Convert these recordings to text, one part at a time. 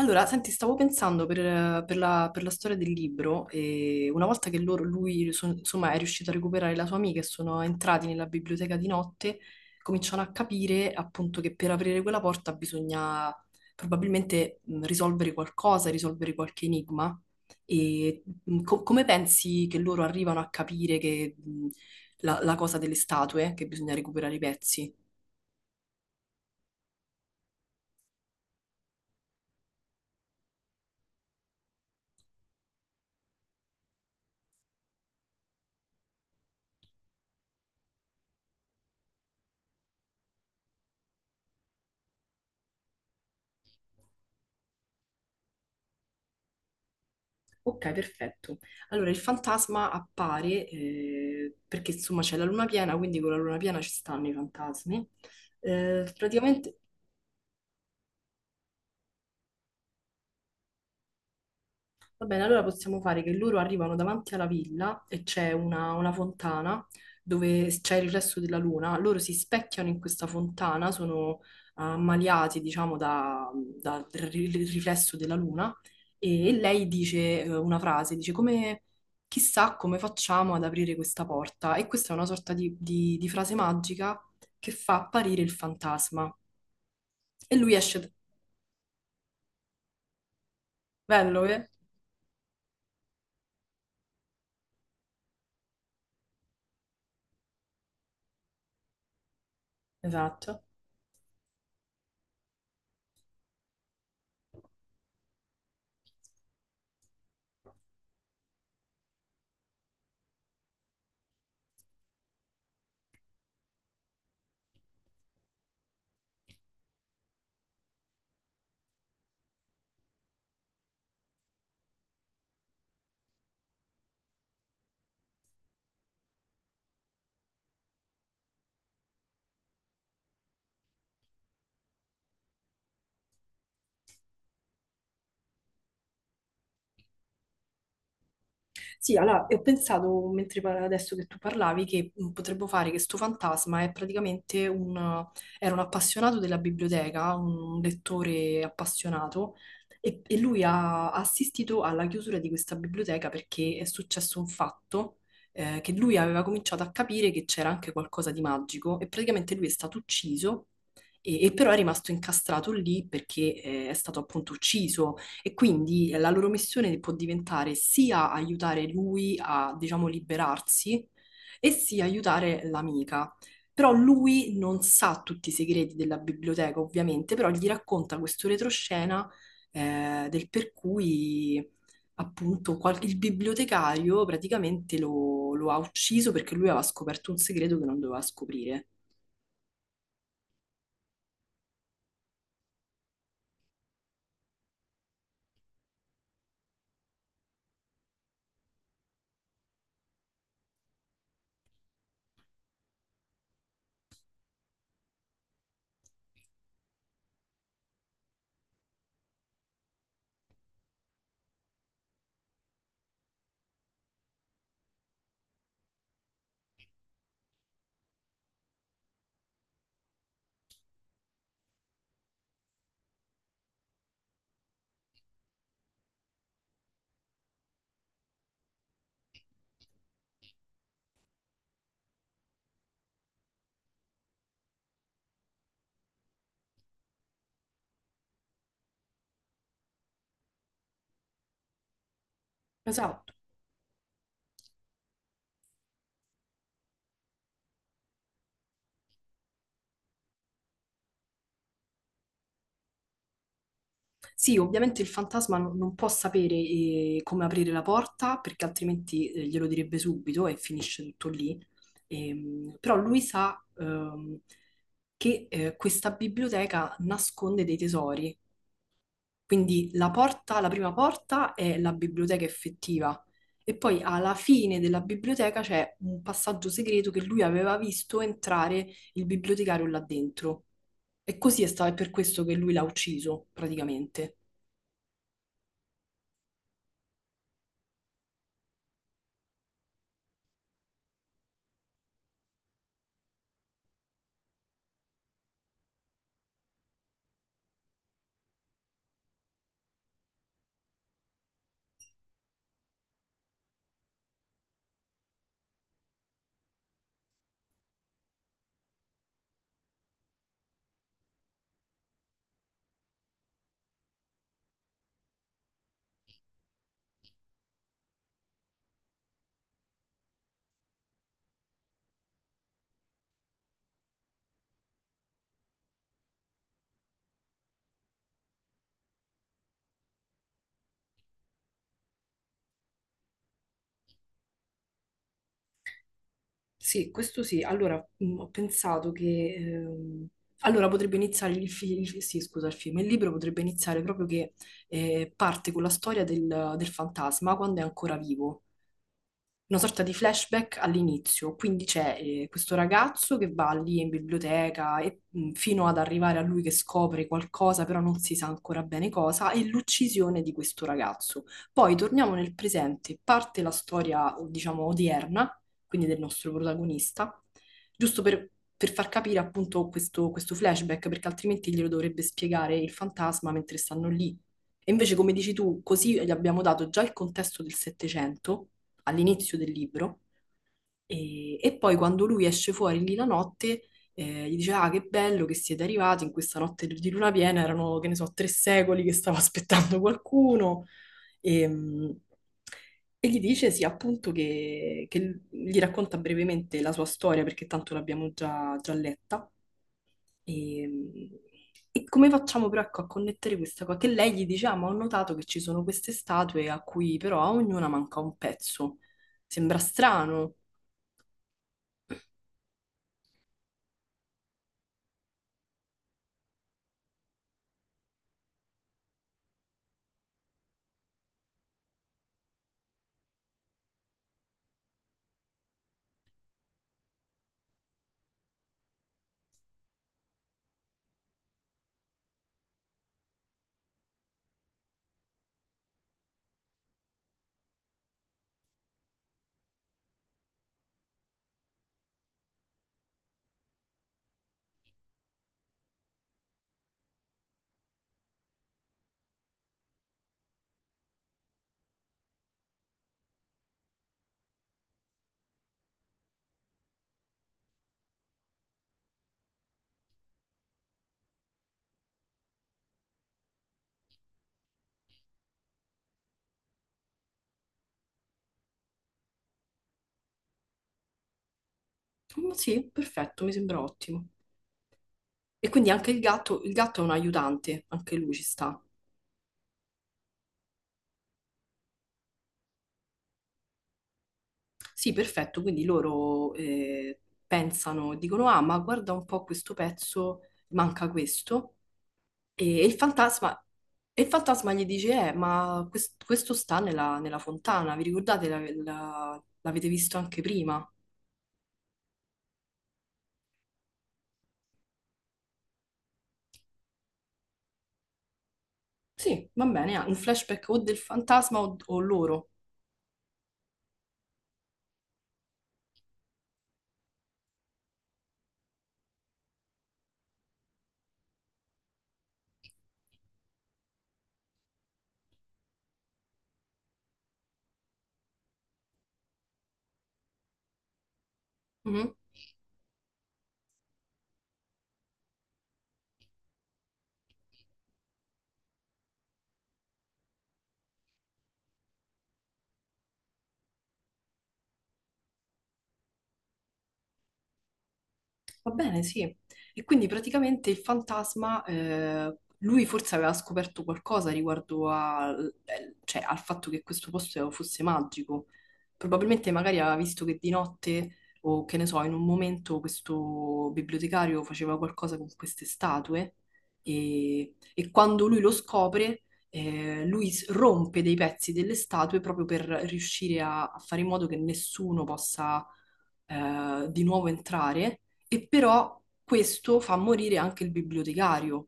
Allora, senti, stavo pensando per la storia del libro, e una volta che loro, è riuscito a recuperare la sua amica e sono entrati nella biblioteca di notte, cominciano a capire appunto che per aprire quella porta bisogna probabilmente risolvere qualcosa, risolvere qualche enigma. E come pensi che loro arrivano a capire che la cosa delle statue, che bisogna recuperare i pezzi? Ok, perfetto. Allora, il fantasma appare perché insomma c'è la luna piena, quindi con la luna piena ci stanno i fantasmi. Eh, praticamente Va bene, allora possiamo fare che loro arrivano davanti alla villa e c'è una fontana dove c'è il riflesso della luna. Loro si specchiano in questa fontana, sono ammaliati, diciamo, riflesso della luna e lei dice una frase, dice come, chissà come facciamo ad aprire questa porta. E questa è una sorta di, di frase magica che fa apparire il fantasma. E lui esce, bello, eh? Esatto. Sì, allora, e ho pensato, adesso che tu parlavi, che potremmo fare che sto fantasma è era un appassionato della biblioteca, un lettore appassionato, e lui ha assistito alla chiusura di questa biblioteca perché è successo un fatto, che lui aveva cominciato a capire che c'era anche qualcosa di magico, e praticamente lui è stato ucciso, e però è rimasto incastrato lì perché, è stato appunto ucciso e quindi la loro missione può diventare sia aiutare lui a, diciamo, liberarsi e sia aiutare l'amica. Però lui non sa tutti i segreti della biblioteca, ovviamente, però gli racconta questo retroscena del per cui appunto il bibliotecario praticamente lo ha ucciso perché lui aveva scoperto un segreto che non doveva scoprire. Esatto. Sì, ovviamente il fantasma non può sapere come aprire la porta perché altrimenti glielo direbbe subito e finisce tutto lì. Però lui sa che questa biblioteca nasconde dei tesori, quindi la porta, la prima porta è la biblioteca effettiva e poi alla fine della biblioteca c'è un passaggio segreto che lui aveva visto entrare il bibliotecario là dentro. E così è stato, è per questo che lui l'ha ucciso, praticamente. Sì, questo sì. Allora, ho pensato che potrebbe iniziare il, fi- il- sì, scusa, il film, il libro potrebbe iniziare proprio che parte con la storia del fantasma quando è ancora vivo, una sorta di flashback all'inizio, quindi c'è questo ragazzo che va lì in biblioteca e, fino ad arrivare a lui che scopre qualcosa, però non si sa ancora bene cosa, e l'uccisione di questo ragazzo. Poi torniamo nel presente, parte la storia, diciamo, odierna, quindi del nostro protagonista, giusto per far capire appunto questo, questo flashback, perché altrimenti glielo dovrebbe spiegare il fantasma mentre stanno lì. E invece, come dici tu, così gli abbiamo dato già il contesto del Settecento all'inizio del libro e poi quando lui esce fuori lì la notte gli dice, ah che bello che siete arrivati in questa notte di luna piena, erano che ne so 3 secoli che stavo aspettando qualcuno e, mh, e gli dice sì appunto che gli racconta brevemente la sua storia perché tanto l'abbiamo già letta e, e come facciamo però ecco, a connettere questa cosa? Che lei gli dice, ah, ma ho notato che ci sono queste statue a cui però a ognuna manca un pezzo. Sembra strano. Mm, sì, perfetto, mi sembra ottimo. E quindi anche il gatto è un aiutante, anche lui ci sta. Sì, perfetto, quindi loro pensano, dicono, ah, ma guarda un po' questo pezzo, manca questo. E il fantasma, e il fantasma gli dice, ma questo sta nella, nella fontana, vi ricordate? L'avete visto anche prima? Sì, va bene, ah, un flashback o del fantasma o loro. Mhm. Va bene, sì. E quindi praticamente il fantasma, lui forse aveva scoperto qualcosa riguardo al cioè, al fatto che questo posto fosse magico. Probabilmente magari aveva visto che di notte o che ne so, in un momento questo bibliotecario faceva qualcosa con queste statue e quando lui lo scopre, lui rompe dei pezzi delle statue proprio per riuscire a, a fare in modo che nessuno possa di nuovo entrare, e però questo fa morire anche il bibliotecario.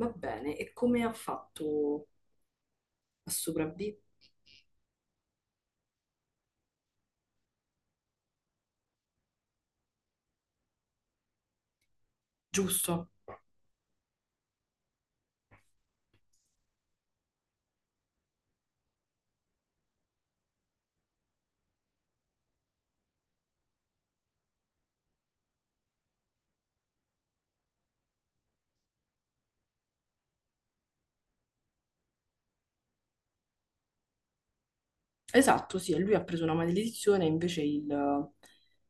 Va bene, e come ha fatto a sopravvivere? Giusto. Esatto, sì, e lui ha preso una maledizione, invece il,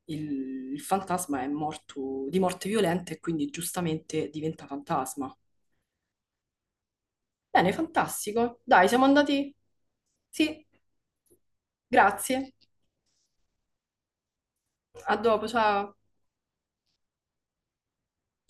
il- il fantasma è morto di morte violenta e quindi giustamente diventa fantasma. Bene, fantastico. Dai, siamo andati. Sì, grazie. A dopo, ciao.